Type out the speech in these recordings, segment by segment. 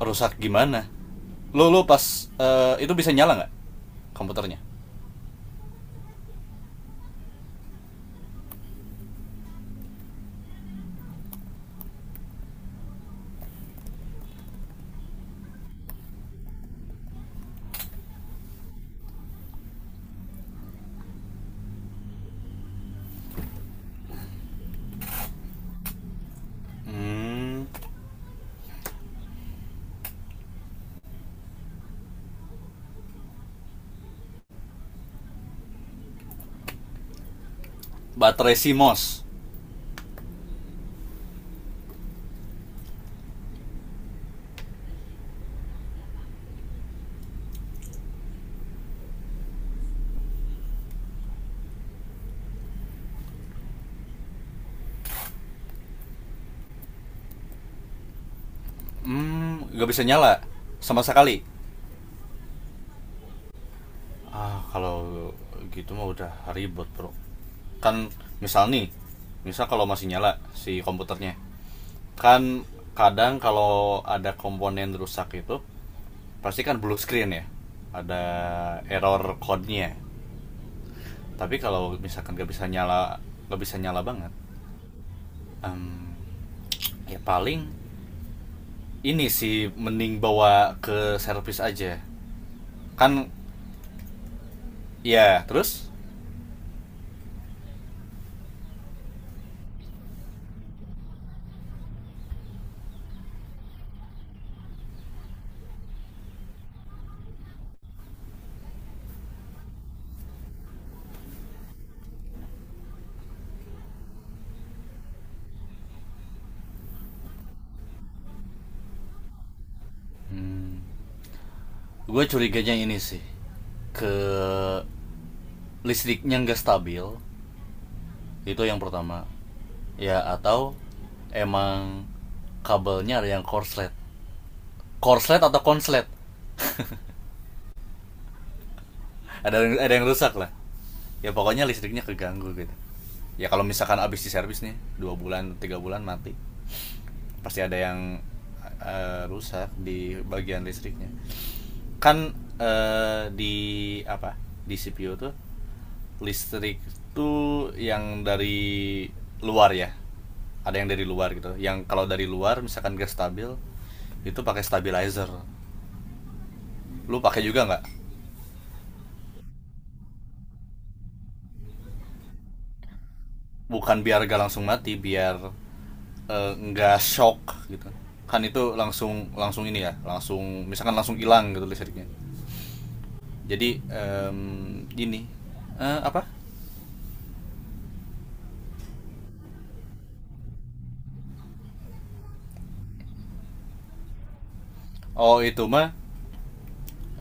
Rusak gimana? Lo lo pas itu bisa nyala nggak komputernya? Hmm. Baterai CMOS. Nggak bisa nyala sama sekali. Kalau gitu mah udah ribet, bro, kan. Misal nih, kalau masih nyala si komputernya, kan kadang kalau ada komponen rusak itu pasti kan blue screen, ya, ada error code-nya. Tapi kalau misalkan nggak bisa nyala banget. em, Ya paling ini sih mending bawa ke servis aja, kan. Ya terus, gue curiganya ini sih ke listriknya nggak stabil, itu yang pertama, ya, atau emang kabelnya ada yang korslet, korslet atau konslet, ada yang rusak lah. Ya pokoknya listriknya keganggu gitu. Ya kalau misalkan abis di servis nih 2 bulan 3 bulan mati, pasti ada yang rusak di bagian listriknya, kan. Di apa, di CPU tuh listrik tuh yang dari luar, ya, ada yang dari luar gitu, yang kalau dari luar misalkan gas stabil itu pakai stabilizer. Lu pakai juga nggak? Bukan biar gak langsung mati, biar nggak shock gitu, kan. Itu langsung langsung ini ya, langsung misalkan langsung hilang gitu listriknya. Jadi, em, ini Eh, apa oh,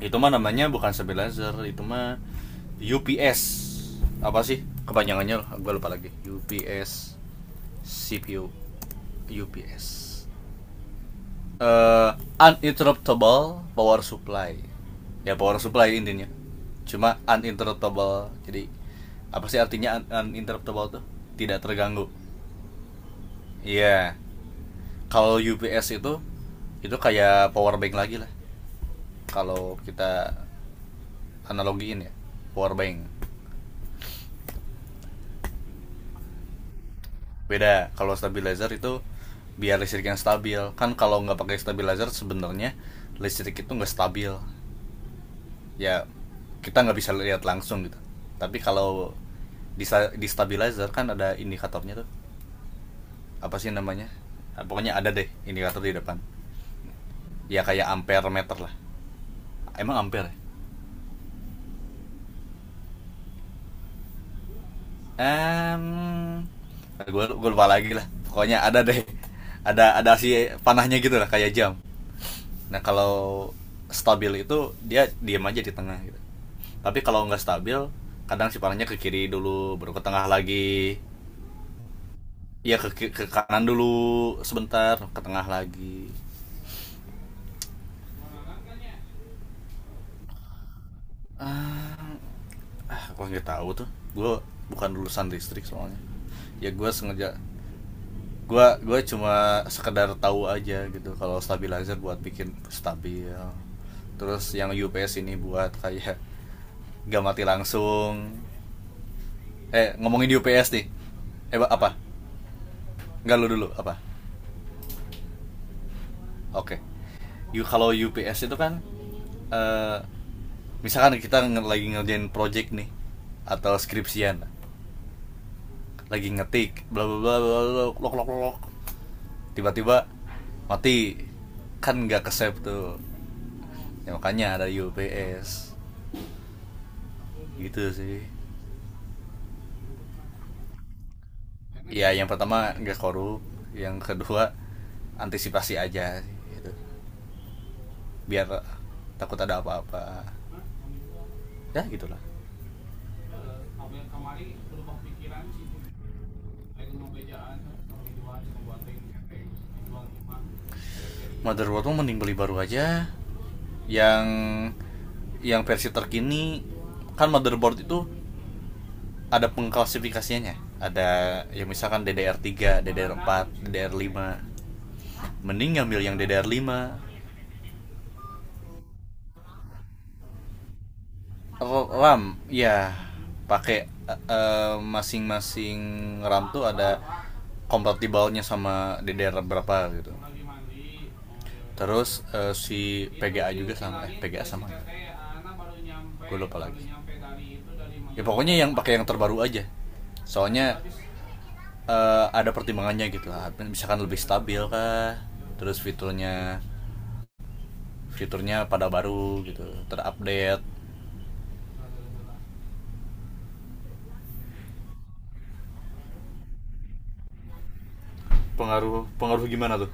Itu mah namanya bukan stabilizer, itu mah UPS. Apa sih kepanjangannya? Gue lupa lagi. UPS, CPU, UPS. Eh Uninterruptible power supply. Ya, power supply intinya. Cuma uninterruptible. Jadi apa sih artinya uninterruptible tuh? Tidak terganggu. Iya. Yeah. Kalau UPS itu kayak power bank lagi lah. Kalau kita analogiin ya, power bank. Beda. Kalau stabilizer itu biar listrik yang stabil, kan. Kalau nggak pakai stabilizer sebenarnya listrik itu nggak stabil, ya, kita nggak bisa lihat langsung gitu. Tapi kalau di stabilizer kan ada indikatornya tuh, apa sih namanya. Pokoknya ada deh indikator di depan. Ya kayak ampere meter lah, emang ampere. Um, gue lupa lagi lah, pokoknya ada deh, ada si panahnya gitu lah, kayak jam. Nah, kalau stabil itu dia diam aja di tengah gitu. Tapi kalau nggak stabil, kadang si parahnya ke kiri dulu, baru ke tengah lagi. Iya, ke kanan dulu sebentar, ke tengah lagi. Ah, gua nggak tahu tuh. Gue bukan lulusan listrik soalnya. Ya gue sengaja, gue cuma sekedar tahu aja gitu, kalau stabilizer buat bikin stabil. Terus yang UPS ini buat kayak gak mati langsung. Ngomongin di UPS nih. Apa? Enggak, lu dulu apa? Oke. You, kalau UPS itu kan eh misalkan kita lagi ngerjain project nih, atau skripsian, lagi ngetik bla bla bla, lok lok lok, tiba-tiba mati, kan nggak kesep tuh. Ya, makanya ada UPS, gitu sih. Ya, yang pertama nggak korup, yang kedua antisipasi aja, gitu, biar, takut ada apa-apa, ya gitulah. Motherboard mending beli baru aja, yang yang versi terkini. Kan motherboard itu ada pengklasifikasiannya, ada, ya, misalkan DDR3, DDR4, DDR5. Mending ngambil yang DDR5. Lima. RAM ya pakai, masing-masing. RAM tuh ada kompatibelnya sama DDR berapa gitu. Terus si PGA juga sama, eh, PGA sama. Gue lupa lagi. Ya pokoknya yang pakai yang terbaru aja. Soalnya ada pertimbangannya gitu. Misalkan lebih stabil kah? Terus fiturnya, pada baru gitu, terupdate. Pengaruh, pengaruh gimana tuh?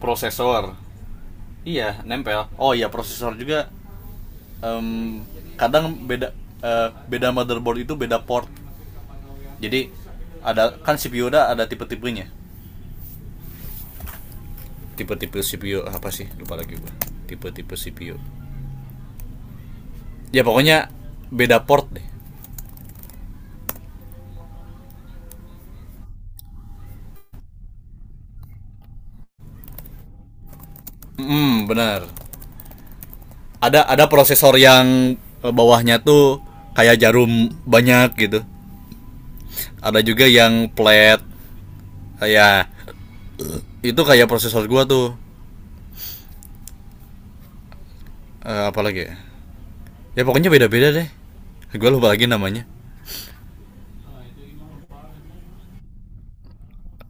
Prosesor. Iya, nempel. Oh iya, prosesor juga em, kadang beda, eh, beda motherboard itu beda port. Jadi ada kan, CPU udah ada tipe-tipenya. Tipe-tipe CPU apa sih, lupa lagi gue. Tipe-tipe CPU, ya pokoknya beda port deh. Hmm, benar. Ada prosesor yang bawahnya tuh kayak jarum banyak gitu, ada juga yang flat. Ya, itu kayak prosesor gua tuh. Apalagi ya, ya pokoknya beda-beda deh, gua lupa lagi namanya.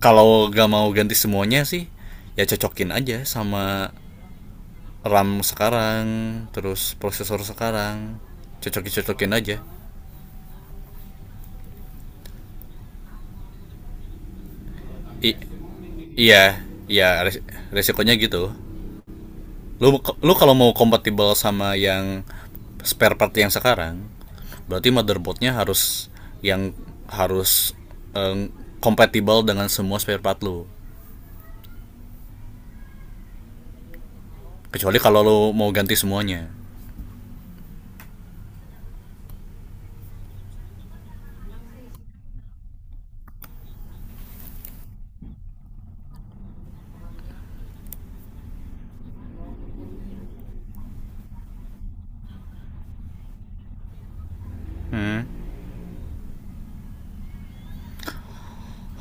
Kalau gak mau ganti semuanya sih, ya cocokin aja sama RAM sekarang, terus prosesor sekarang, cocokin cocokin aja. I- Iya, iya, resikonya gitu. Lu lu kalau mau kompatibel sama yang spare part yang sekarang, berarti motherboardnya harus, yang harus eh, kompatibel dengan semua spare part lu. Kecuali kalau lu mau ganti semuanya. Hmm.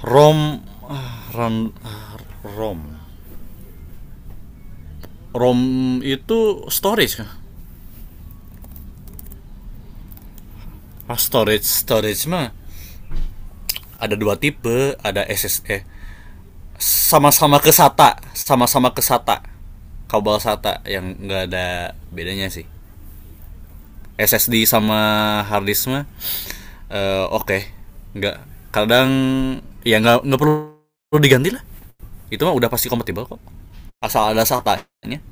ROM, RAM, ROM ROM itu storage. Storage mah ada 2 tipe, ada S S SSD. sama-sama ke Sama-sama ke kabel SATA, yang nggak ada bedanya sih. SSD sama hard mah, oke, okay. Nggak, kadang, ya, nggak perlu diganti lah. Itu mah udah pasti kompatibel kok, asal ada SATA-nya.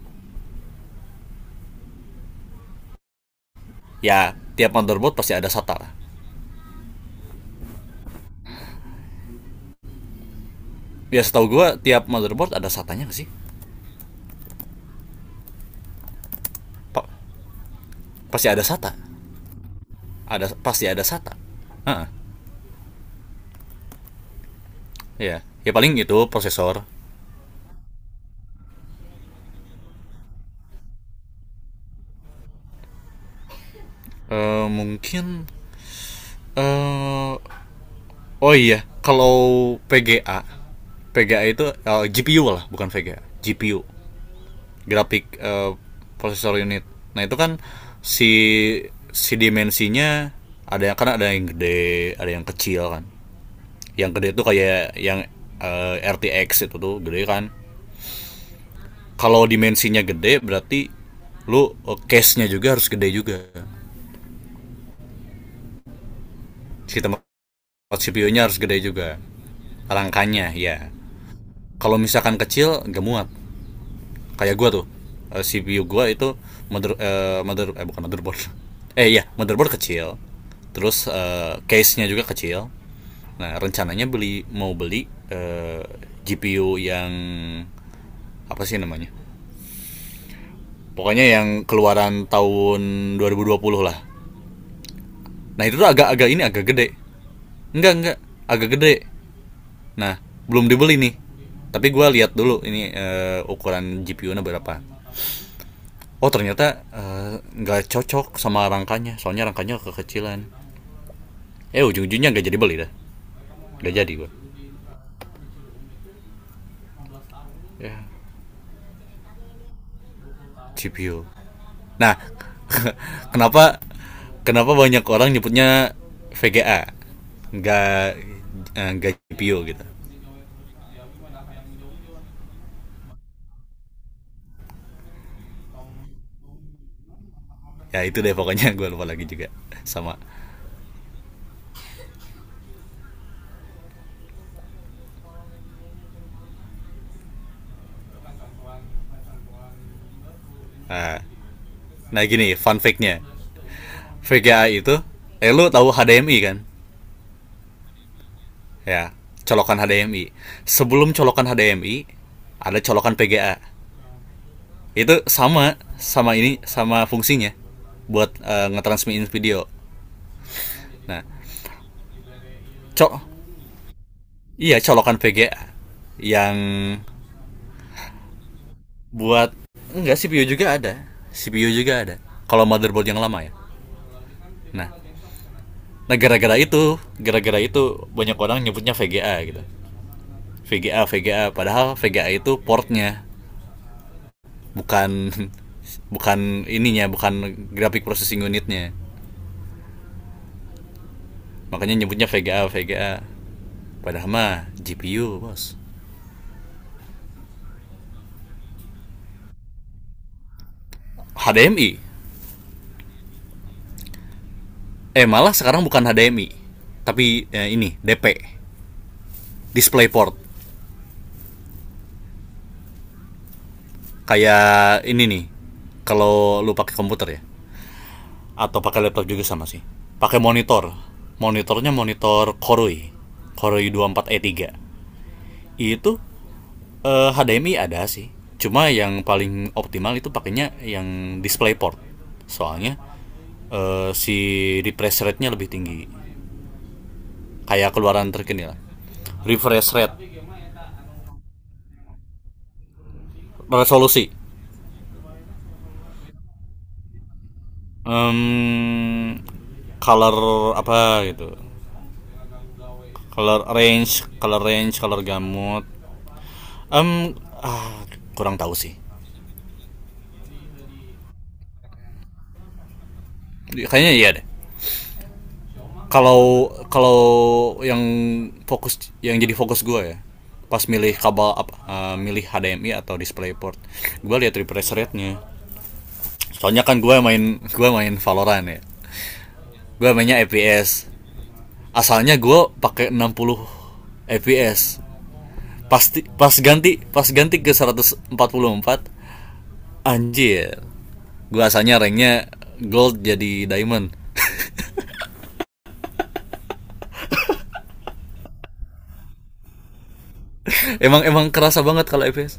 Ya tiap motherboard pasti ada SATA lah. Ya setahu gue tiap motherboard ada SATA-nya, nggak sih? Pa- pasti ada SATA. Pasti ada SATA. Heeh, iya. Ya paling itu prosesor. Eh, mungkin eh Oh iya, kalau PGA, PGA itu, GPU lah, bukan VGA, GPU, grafik, processor unit. Nah itu kan si si dimensinya, ada yang, kan, ada yang gede, ada yang kecil kan. Yang gede itu kayak yang RTX, itu tuh gede kan. Kalau dimensinya gede berarti case-nya juga harus gede juga. Si tempat CPU-nya harus gede juga, rangkanya ya. Kalau misalkan kecil gak muat. Kayak gua tuh, CPU gua itu, mother eh bukan motherboard, iya, motherboard kecil, terus case-nya juga kecil. Nah, rencananya mau beli GPU yang apa sih namanya, pokoknya yang keluaran tahun dua 2020 lah. Nah itu tuh agak-agak ini, agak gede, enggak, agak gede. Nah, belum dibeli nih, tapi gua lihat dulu ini ukuran GPU-nya berapa. Oh ternyata, nggak, cocok sama rangkanya, soalnya rangkanya kekecilan. Ujung-ujungnya nggak jadi beli dah, nggak jadi gua. Ya, CPU. Nah, kenapa kenapa banyak orang nyebutnya VGA, nggak nggak GPU gitu? Ya itu deh pokoknya, gua lupa lagi juga. Sama. eh, nah gini, fun fact-nya VGA itu, lu tahu HDMI kan? Ya, colokan HDMI. Sebelum colokan HDMI ada colokan PGA. Itu sama, sama ini, sama fungsinya, buat ngetransmitin video. Nah, cok, iya, colokan VGA, yang buat, enggak, CPU juga ada, kalau motherboard yang lama ya. Nah, nah gara-gara itu banyak orang nyebutnya VGA gitu. VGA, VGA, padahal VGA itu portnya, bukan, bukan graphic processing unit-nya. Makanya nyebutnya VGA, VGA, padahal mah GPU, bos. HDMI. Malah sekarang bukan HDMI, tapi ini DP, DisplayPort. Kayak ini nih, kalau lu pakai komputer ya, atau pakai laptop juga sama sih, pakai monitornya monitor Koroi Koroi 24E3. Itu HDMI ada sih, cuma yang paling optimal itu pakainya yang DisplayPort. Soalnya si refresh rate-nya lebih tinggi. Kayak keluaran terkini lah, refresh rate, resolusi. Em, Color apa gitu, color range, color gamut. um ah, Kurang tahu sih, kayaknya iya deh. Kalau, yang yang jadi fokus gue ya, pas milih kabel, apa, milih HDMI atau DisplayPort, gue lihat refresh rate-nya. Soalnya kan gue main Valorant ya. Gue mainnya FPS, asalnya gue pakai 60 FPS. Pasti, pas ganti ke 144, anjir, gua asalnya ranknya gold jadi diamond. Emang emang kerasa banget kalau FPS.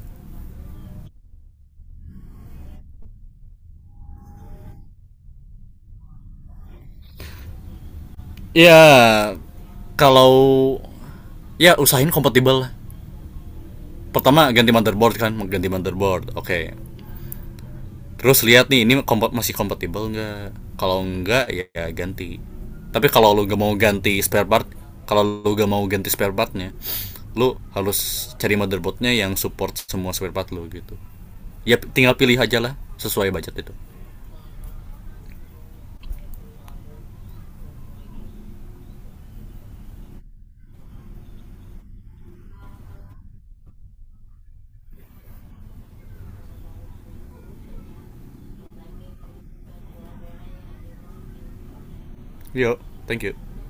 Ya kalau, ya usahain kompatibel. Pertama ganti motherboard, kan, ganti motherboard, oke, okay. Terus lihat nih ini masih kompatibel nggak. Kalau nggak, ya ganti. Tapi kalau lu gak mau ganti spare part, kalau lu gak mau ganti spare partnya lu harus cari motherboardnya yang support semua spare part lu, gitu. Ya tinggal pilih aja lah, sesuai budget itu. Yo, thank you.